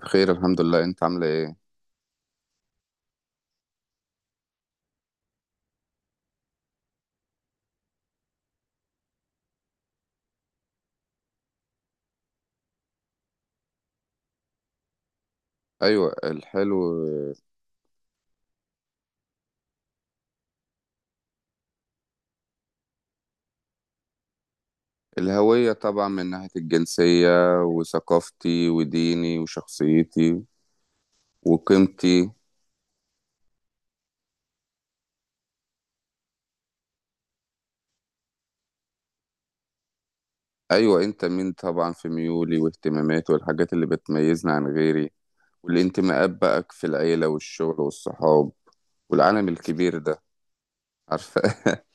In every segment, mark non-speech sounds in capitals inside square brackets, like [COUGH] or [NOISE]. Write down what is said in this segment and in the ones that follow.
بخير، الحمد لله. انت عامله ايه؟ ايوه، الحلو. الهويه طبعا من ناحيه الجنسيه، وثقافتي وديني وشخصيتي وقيمتي. ايوه، انت مين طبعا في ميولي واهتماماتي والحاجات اللي بتميزني عن غيري. والانتماءات بقى في العيله والشغل والصحاب والعالم الكبير ده، عارفه. [LAUGHS]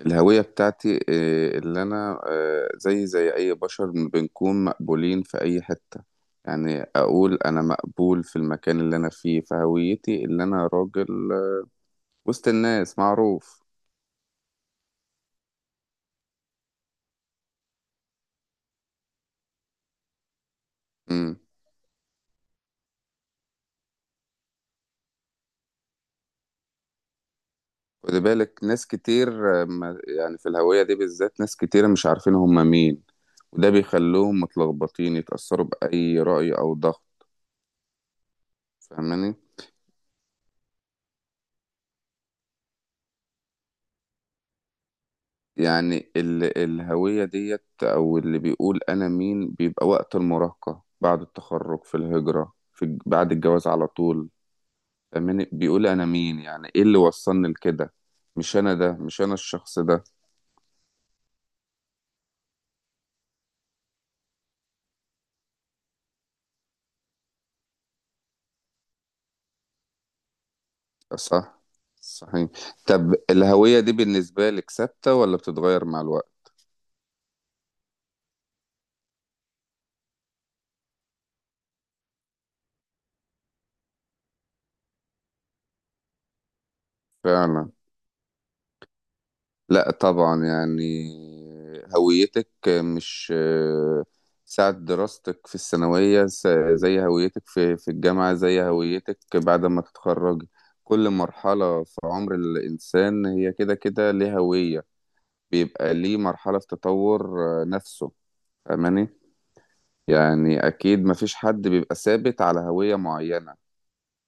الهوية بتاعتي اللي أنا زي أي بشر بنكون مقبولين في أي حتة. يعني أقول أنا مقبول في المكان اللي أنا فيه، فهويتي اللي أنا راجل وسط الناس معروف. مم. خد بالك ناس كتير، يعني في الهوية دي بالذات ناس كتير مش عارفين هم مين. وده بيخلوهم متلخبطين، يتأثروا بأي رأي أو ضغط. فاهماني؟ يعني الهوية ديت، أو اللي بيقول أنا مين، بيبقى وقت المراهقة، بعد التخرج، في الهجرة، بعد الجواز على طول. فاهماني؟ بيقول أنا مين، يعني إيه اللي وصلني لكده. مش أنا ده، مش أنا الشخص ده. صح، صحيح. طب الهوية دي بالنسبة لك ثابتة ولا بتتغير مع الوقت؟ فعلا. لا طبعا، يعني هويتك مش ساعة دراستك في الثانوية زي هويتك في الجامعة، زي هويتك بعد ما تتخرج. كل مرحلة في عمر الإنسان هي كده كده ليه هوية. بيبقى ليه مرحلة في تطور نفسه. فاهماني؟ يعني أكيد مفيش حد بيبقى ثابت على هوية معينة.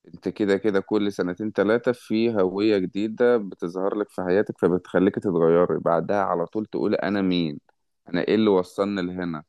انت كده كده كل سنتين تلاتة في هوية جديدة بتظهر لك في حياتك، فبتخليك تتغيري بعدها على طول تقول انا مين. انا ايه اللي وصلني لهنا.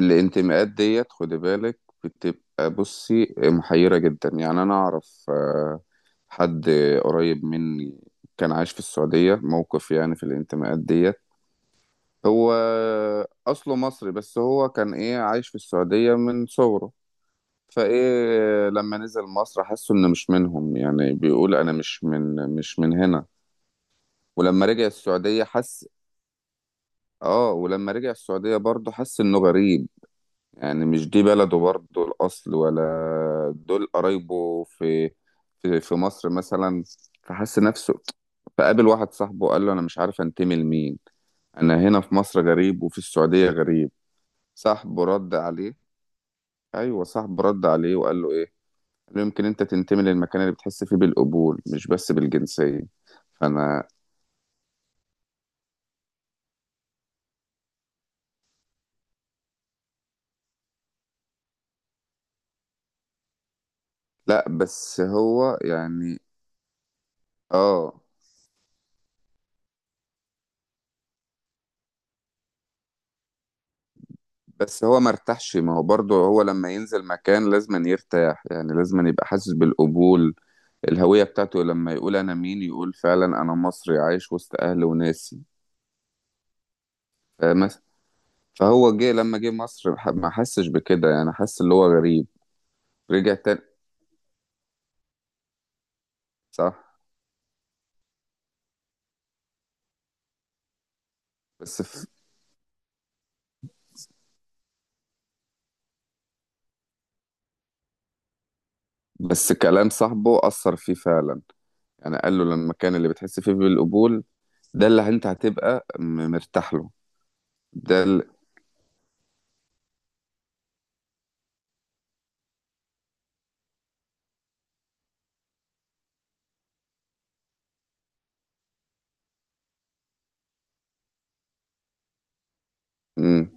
والانتماءات ديت خدي بالك بتبقى، بصي، محيرة جدا. يعني انا اعرف حد قريب مني كان عايش في السعودية موقف، يعني في الانتماءات ديت. هو اصله مصري، بس هو كان ايه عايش في السعودية من صغره. فايه لما نزل مصر حسوا انه مش منهم، يعني بيقول انا مش من هنا. ولما رجع السعودية حس. اه، ولما رجع السعودية برضه حس انه غريب. يعني مش دي بلده برضه الاصل، ولا دول قرايبه في مصر مثلا. فحس نفسه. فقابل واحد صاحبه، قال له انا مش عارف انتمي لمين. انا هنا في مصر غريب، وفي السعودية غريب. صاحبه رد عليه. ايوه، صاحبه رد عليه وقال له ايه. قالوا يمكن انت تنتمي للمكان اللي بتحس فيه بالقبول، مش بس بالجنسية. فانا. لا بس هو يعني. اه. بس هو مرتاحش، ما هو برضه هو لما ينزل مكان لازم يرتاح، يعني لازم يبقى حاسس بالقبول. الهوية بتاعته لما يقول انا مين، يقول فعلا انا مصري عايش وسط اهلي وناسي. فاهم؟ فهو جه، لما جه مصر ما حسش بكده، يعني حس اللي هو غريب. رجع تاني. صح. بس ف... بس كلام صاحبه أثر فيه فعلا. يعني قال له لما كان اللي بتحس فيه بالقبول، ده اللي انت هتبقى مرتاح له. ده ال... مم.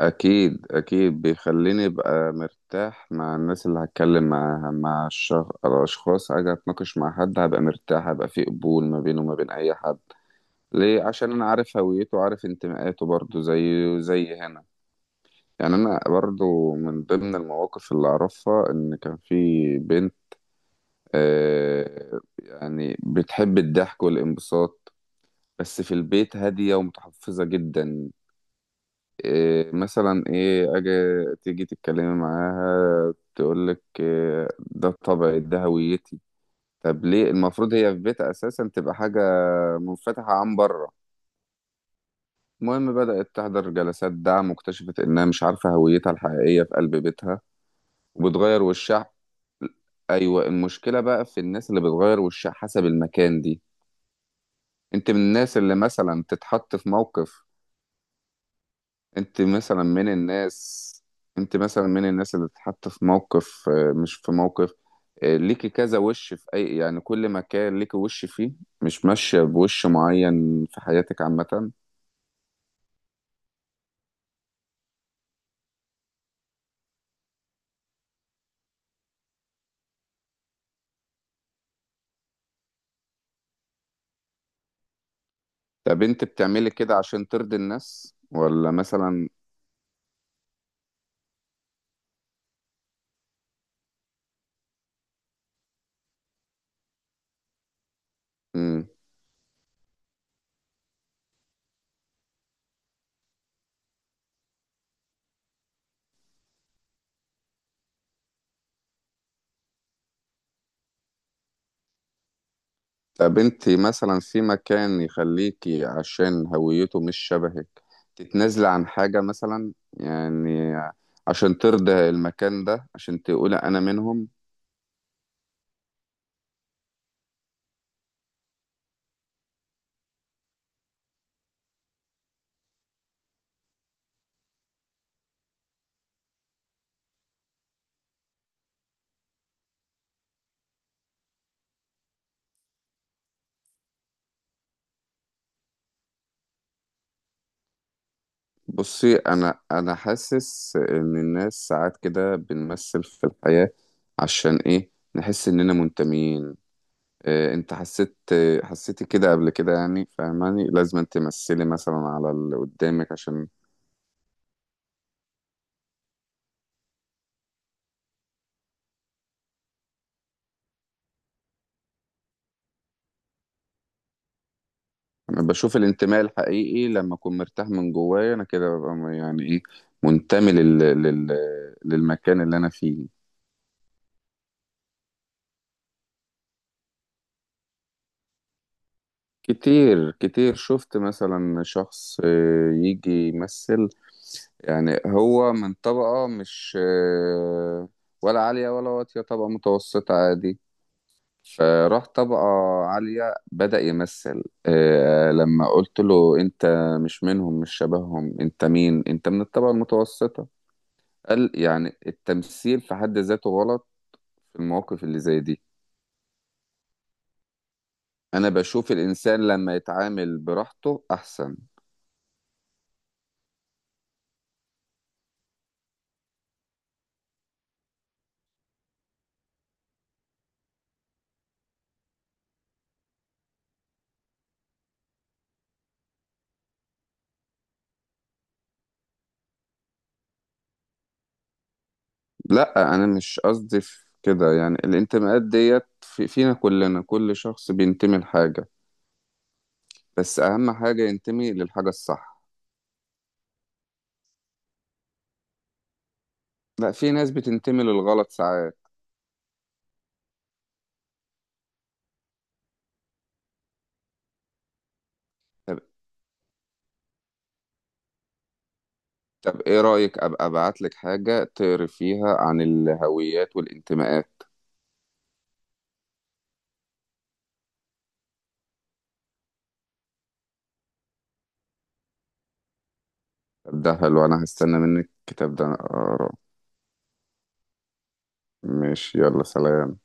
اكيد اكيد، بيخليني ابقى مرتاح مع الناس اللي هتكلم معاها، الاشخاص اجي اتناقش مع حد، هبقى مرتاح، هبقى في قبول ما بينه وما بين اي حد. ليه، عشان انا عارف هويته وعارف انتماءاته برضو، زي هنا. يعني انا برضو من ضمن المواقف اللي اعرفها ان كان في بنت، يعني بتحب الضحك والانبساط، بس في البيت هادية ومتحفظة جدا. إيه مثلا، ايه، اجي تيجي تتكلمي معاها تقولك إيه ده طبعي، ده هويتي. طب ليه المفروض هي في بيتها اساسا تبقى حاجة منفتحة عن بره؟ المهم بدأت تحضر جلسات دعم واكتشفت انها مش عارفة هويتها الحقيقية في قلب بيتها. وبتغير وشها. ايوه، المشكله بقى في الناس اللي بتغير وشها حسب المكان دي. انت من الناس اللي مثلا تتحط في موقف. انت مثلا من الناس انت مثلا من الناس اللي تتحط في موقف، مش في موقف، ليكي كذا وش في اي، يعني كل مكان ليكي وش فيه. مش ماشية بوش معين في حياتك عامة؟ طب انت بتعملي كده عشان ترضي الناس، ولا مثلا؟ مم. طب انت مثلا في مكان يخليكي عشان هويته مش شبهك تتنازلي عن حاجة مثلا، يعني عشان ترضي المكان ده، عشان تقولي انا منهم؟ بصي، انا حاسس ان الناس ساعات كده بنمثل في الحياة، عشان ايه نحس اننا منتميين. إيه، انت حسيتي كده قبل كده، يعني فاهماني لازم تمثلي مثلا على اللي قدامك عشان. انا بشوف الانتماء الحقيقي لما اكون مرتاح من جوايا، انا كده ببقى يعني ايه، منتمي للمكان اللي انا فيه. كتير كتير شفت مثلا شخص، يجي يمثل. يعني هو من طبقة مش آه، ولا عالية ولا واطية، طبقة متوسطة عادي. فراح طبقة عالية بدأ يمثل، لما قلت له أنت مش منهم، مش شبههم، أنت مين؟ أنت من الطبقة المتوسطة. قال يعني التمثيل في حد ذاته غلط في المواقف اللي زي دي. أنا بشوف الإنسان لما يتعامل براحته أحسن. لا، أنا مش قصدي في كده، يعني الانتماءات ديت فينا كلنا، كل شخص بينتمي لحاجة. بس اهم حاجة ينتمي للحاجة الصح. لا، في ناس بتنتمي للغلط ساعات. طب. طب ايه رأيك ابقى ابعت لك حاجة تقري فيها عن الهويات والانتماءات؟ طب ده حلو، انا هستنى منك الكتاب ده أنا اقراه. ماشي، يلا سلام.